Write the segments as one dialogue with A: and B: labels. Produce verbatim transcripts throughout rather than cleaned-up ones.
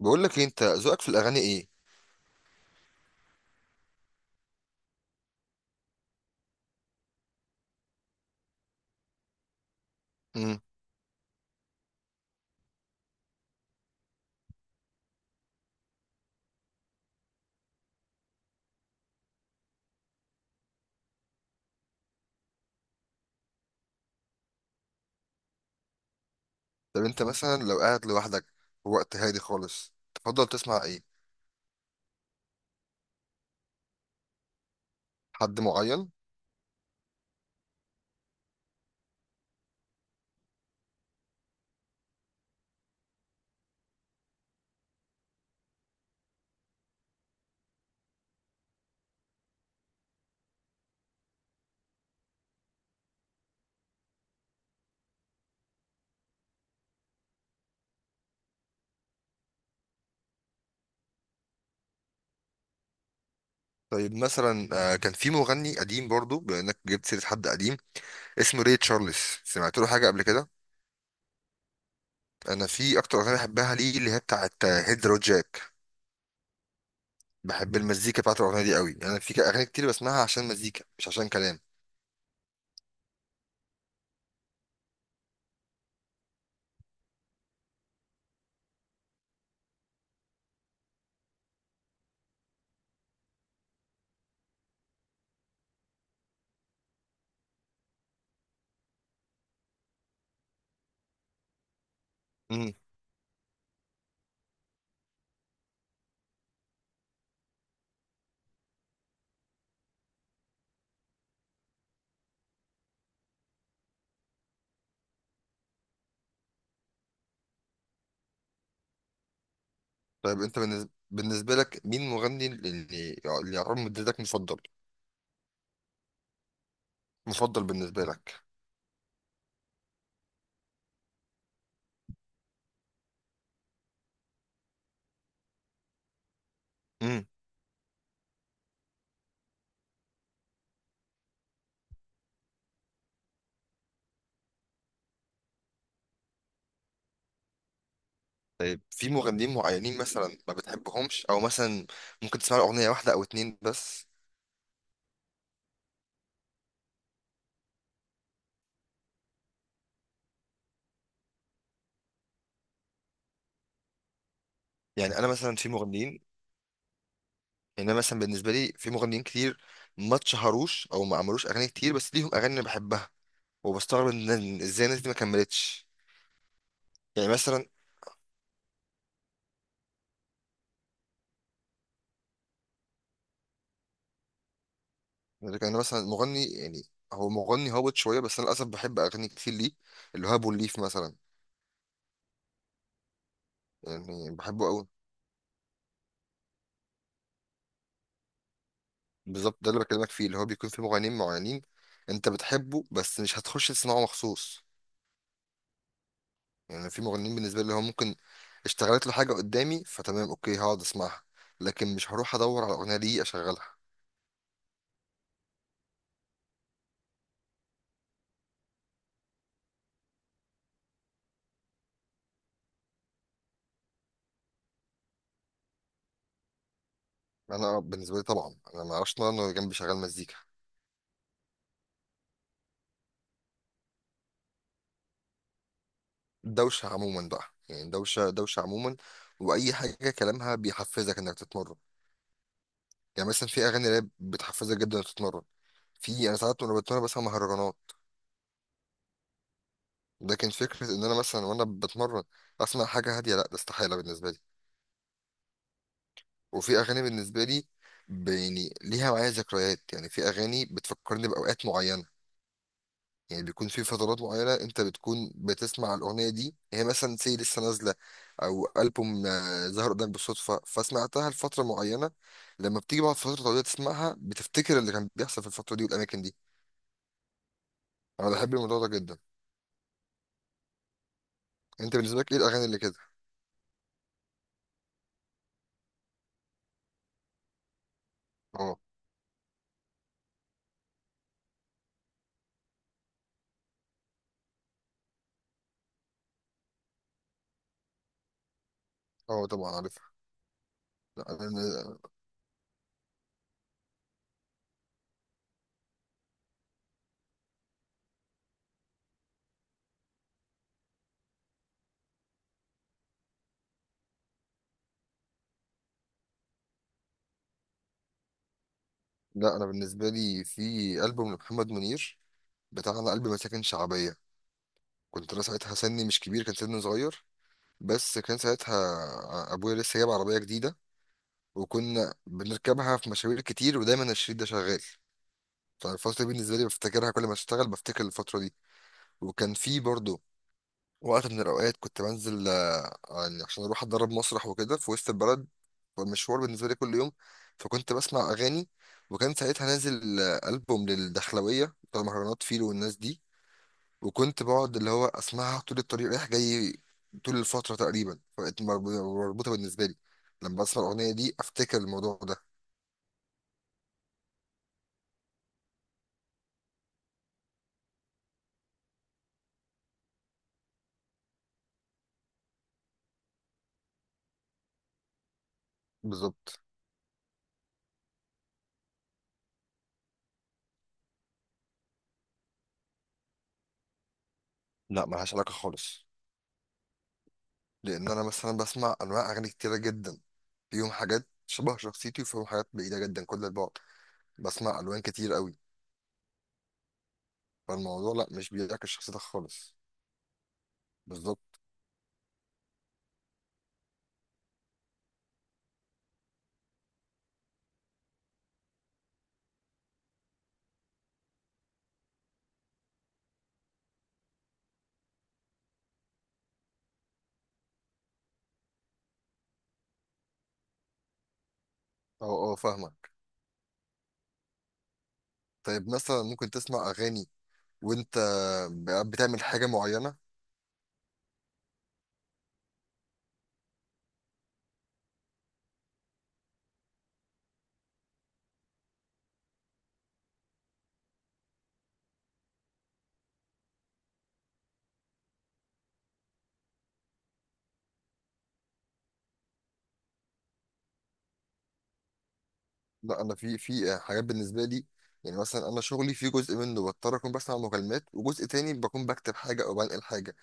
A: بقول لك إيه، انت ذوقك في الاغاني ايه؟ امم طب انت مثلا لو قاعد لوحدك في وقت هادي خالص تفضل تسمع ايه؟ حد معين؟ طيب مثلا آه، كان في مغني قديم برضو بما انك جبت سيره حد قديم اسمه ري تشارلز. سمعت له حاجه قبل كده؟ انا في اكتر اغنيه بحبها ليه اللي هي بتاعه هيدرو جاك. بحب المزيكا بتاعت الاغنيه دي قوي، يعني انا في اغاني كتير بسمعها عشان مزيكا مش عشان كلام. امم طيب انت بالنسبه بالنسبة لك مين مغني اللي اللي يعتبر مدتك مفضل؟ مفضل بالنسبه لك. طيب في مغنيين معينين مثلا ما بتحبهمش او مثلا ممكن تسمع اغنيه واحده او اتنين بس؟ يعني انا مثلا في مغنيين، يعني انا مثلا بالنسبه لي في مغنيين كتير ما اتشهروش او ما عملوش اغاني كتير بس ليهم اغاني انا بحبها، وبستغرب ان إن ازاي الناس دي ما كملتش. يعني مثلا يعني انا مثلا مغني، يعني هو مغني هابط شويه بس انا للاسف بحب اغاني كتير ليه، اللي هو ابو الليف مثلا. يعني بحبه قوي. بالظبط ده اللي بكلمك فيه، اللي هو بيكون في مغنيين معينين انت بتحبه بس مش هتخش تسمعه مخصوص. يعني في مغنيين بالنسبه لي هو ممكن اشتغلت له حاجه قدامي فتمام اوكي هقعد اسمعها، لكن مش هروح ادور على الاغنيه دي اشغلها. انا بالنسبه لي طبعا انا ما اعرفش ان انا جنبي شغال مزيكا. دوشه عموما بقى، يعني دوشه دوشه عموما. واي حاجه كلامها بيحفزك انك تتمرن، يعني مثلا في اغاني راب بتحفزك جدا انك تتمرن. في انا ساعات وانا بتمرن بسمع مهرجانات. لكن فكره ان انا مثلا وانا بتمرن اسمع حاجه هاديه لا ده استحاله بالنسبه لي. وفي اغاني بالنسبه لي، ب- يعني ليها معايا ذكريات، يعني في اغاني بتفكرني باوقات معينه. يعني بيكون في فترات معينه انت بتكون بتسمع الاغنيه دي، هي مثلا سي لسه نازله او البوم آه، ظهر قدامك بالصدفه فسمعتها لفتره معينه. لما بتيجي بعد فتره طويله تسمعها بتفتكر اللي كان بيحصل في الفتره دي والاماكن دي. انا بحب الموضوع ده جدا. انت بالنسبه لك ايه الاغاني اللي كده؟ اه. اه طبعا عارفها. لا انا لا انا بالنسبه لي في البوم لمحمد منير بتاعنا قلب مساكن شعبيه، كنت انا ساعتها سني مش كبير، كان سني صغير، بس كان ساعتها ابويا لسه جايب عربيه جديده وكنا بنركبها في مشاوير كتير ودايما الشريط ده شغال. فالفتره دي بالنسبه لي بفتكرها، كل ما اشتغل بفتكر الفتره دي. وكان في برضه وقت من الاوقات كنت بنزل آه، يعني عشان اروح اتدرب مسرح وكده في وسط البلد، والمشوار بالنسبه لي كل يوم، فكنت بسمع اغاني. وكان ساعتها نازل آه، البوم للدخلويه بتاع مهرجانات فيلو والناس دي، وكنت بقعد اللي هو اسمعها طول الطريق رايح جاي طول الفتره تقريبا، فبقت مرب- مربوطه بالنسبه لي، لما بسمع الاغنيه دي افتكر الموضوع ده. بالظبط. لا ملهاش علاقه خالص، لان انا مثلا بسمع انواع اغاني كتيره جدا، فيهم حاجات شبه شخصيتي وفيهم حاجات بعيده جدا كل البعد، بسمع الوان كتير قوي. فالموضوع لا مش بيعكس شخصيتك خالص. بالظبط. اه. اه فاهمك. طيب مثلا ممكن تسمع اغاني وانت ب- بتعمل حاجه معينه؟ لا انا في في حاجات بالنسبه لي، يعني مثلا انا شغلي في جزء منه بضطر اكون بسمع مكالمات وجزء تاني بكون بكتب حاجه او بنقل حاجه.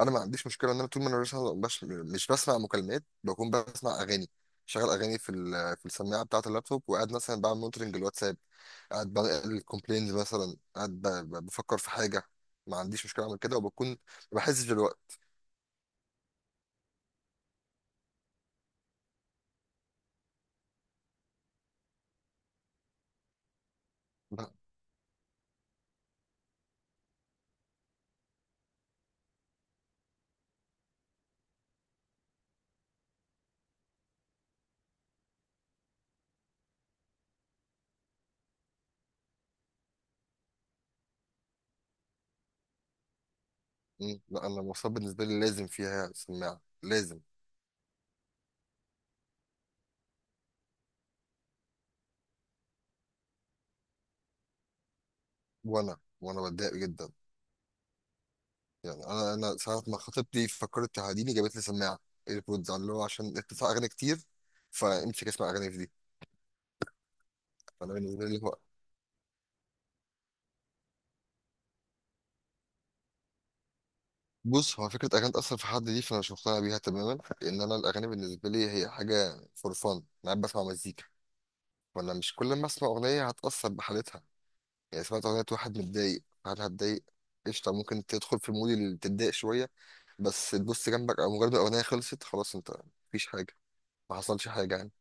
A: انا ما عنديش مشكله ان انا طول ما انا مش بش- مش بسمع مكالمات بكون بسمع اغاني، شغال اغاني في ال- في السماعه بتاعه اللابتوب وقاعد مثلا بعمل مونترنج الواتساب، قاعد بنقل الكومبلينز، مثلا قاعد ب- ب- بفكر في حاجه، ما عنديش مشكله اعمل كده وبكون ما بحسش بالوقت. لا. م، لا انا المواصلات بالنسبه لي لازم فيها سماعه، لازم. وانا وانا بتضايق جدا، يعني انا انا ساعه ما خطيبتي فكرت تعاديني جابت لي سماعه ايربودز اللي هو عشان اتفق اغاني كتير، فامسك اسمع اغاني في دي. فانا بالنسبه لي هو بص هو فكره اغاني تاثر في حد دي فانا مش مقتنع بيها تماما، لان انا الاغاني بالنسبه لي هي حاجه فور فان، انا قاعد بسمع مزيكا. فانا مش كل ما اسمع اغنيه هتاثر بحالتها، يعني سمعت اغنيه واحد متضايق هل هتضايق؟ قشطه ممكن تدخل في المود اللي تتضايق شويه، بس تبص جنبك او مجرد ما الاغنيه خلصت خلاص انت مفيش حاجه، ما حصلش حاجه.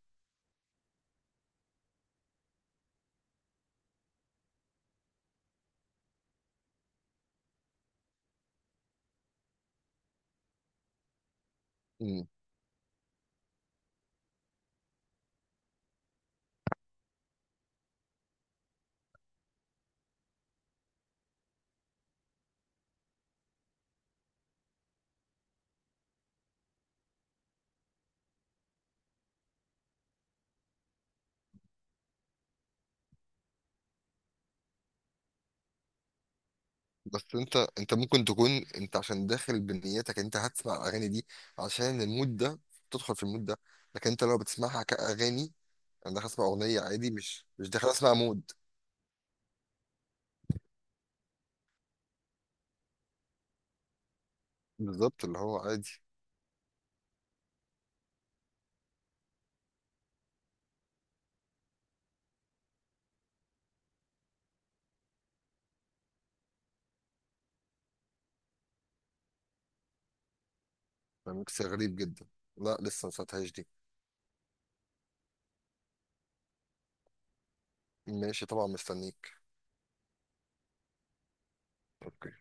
A: يعني بس انت انت ممكن تكون انت عشان داخل بنيتك انت هتسمع الاغاني دي عشان المود ده، تدخل في المود ده. لكن انت لو بتسمعها كاغاني، انا داخل اسمع اغنيه عادي، مش مش داخل اسمع مود. بالظبط اللي هو عادي. ده ميكس غريب جدا. لا لسه ما سمعتهاش دي. ماشي طبعا مستنيك. اوكي.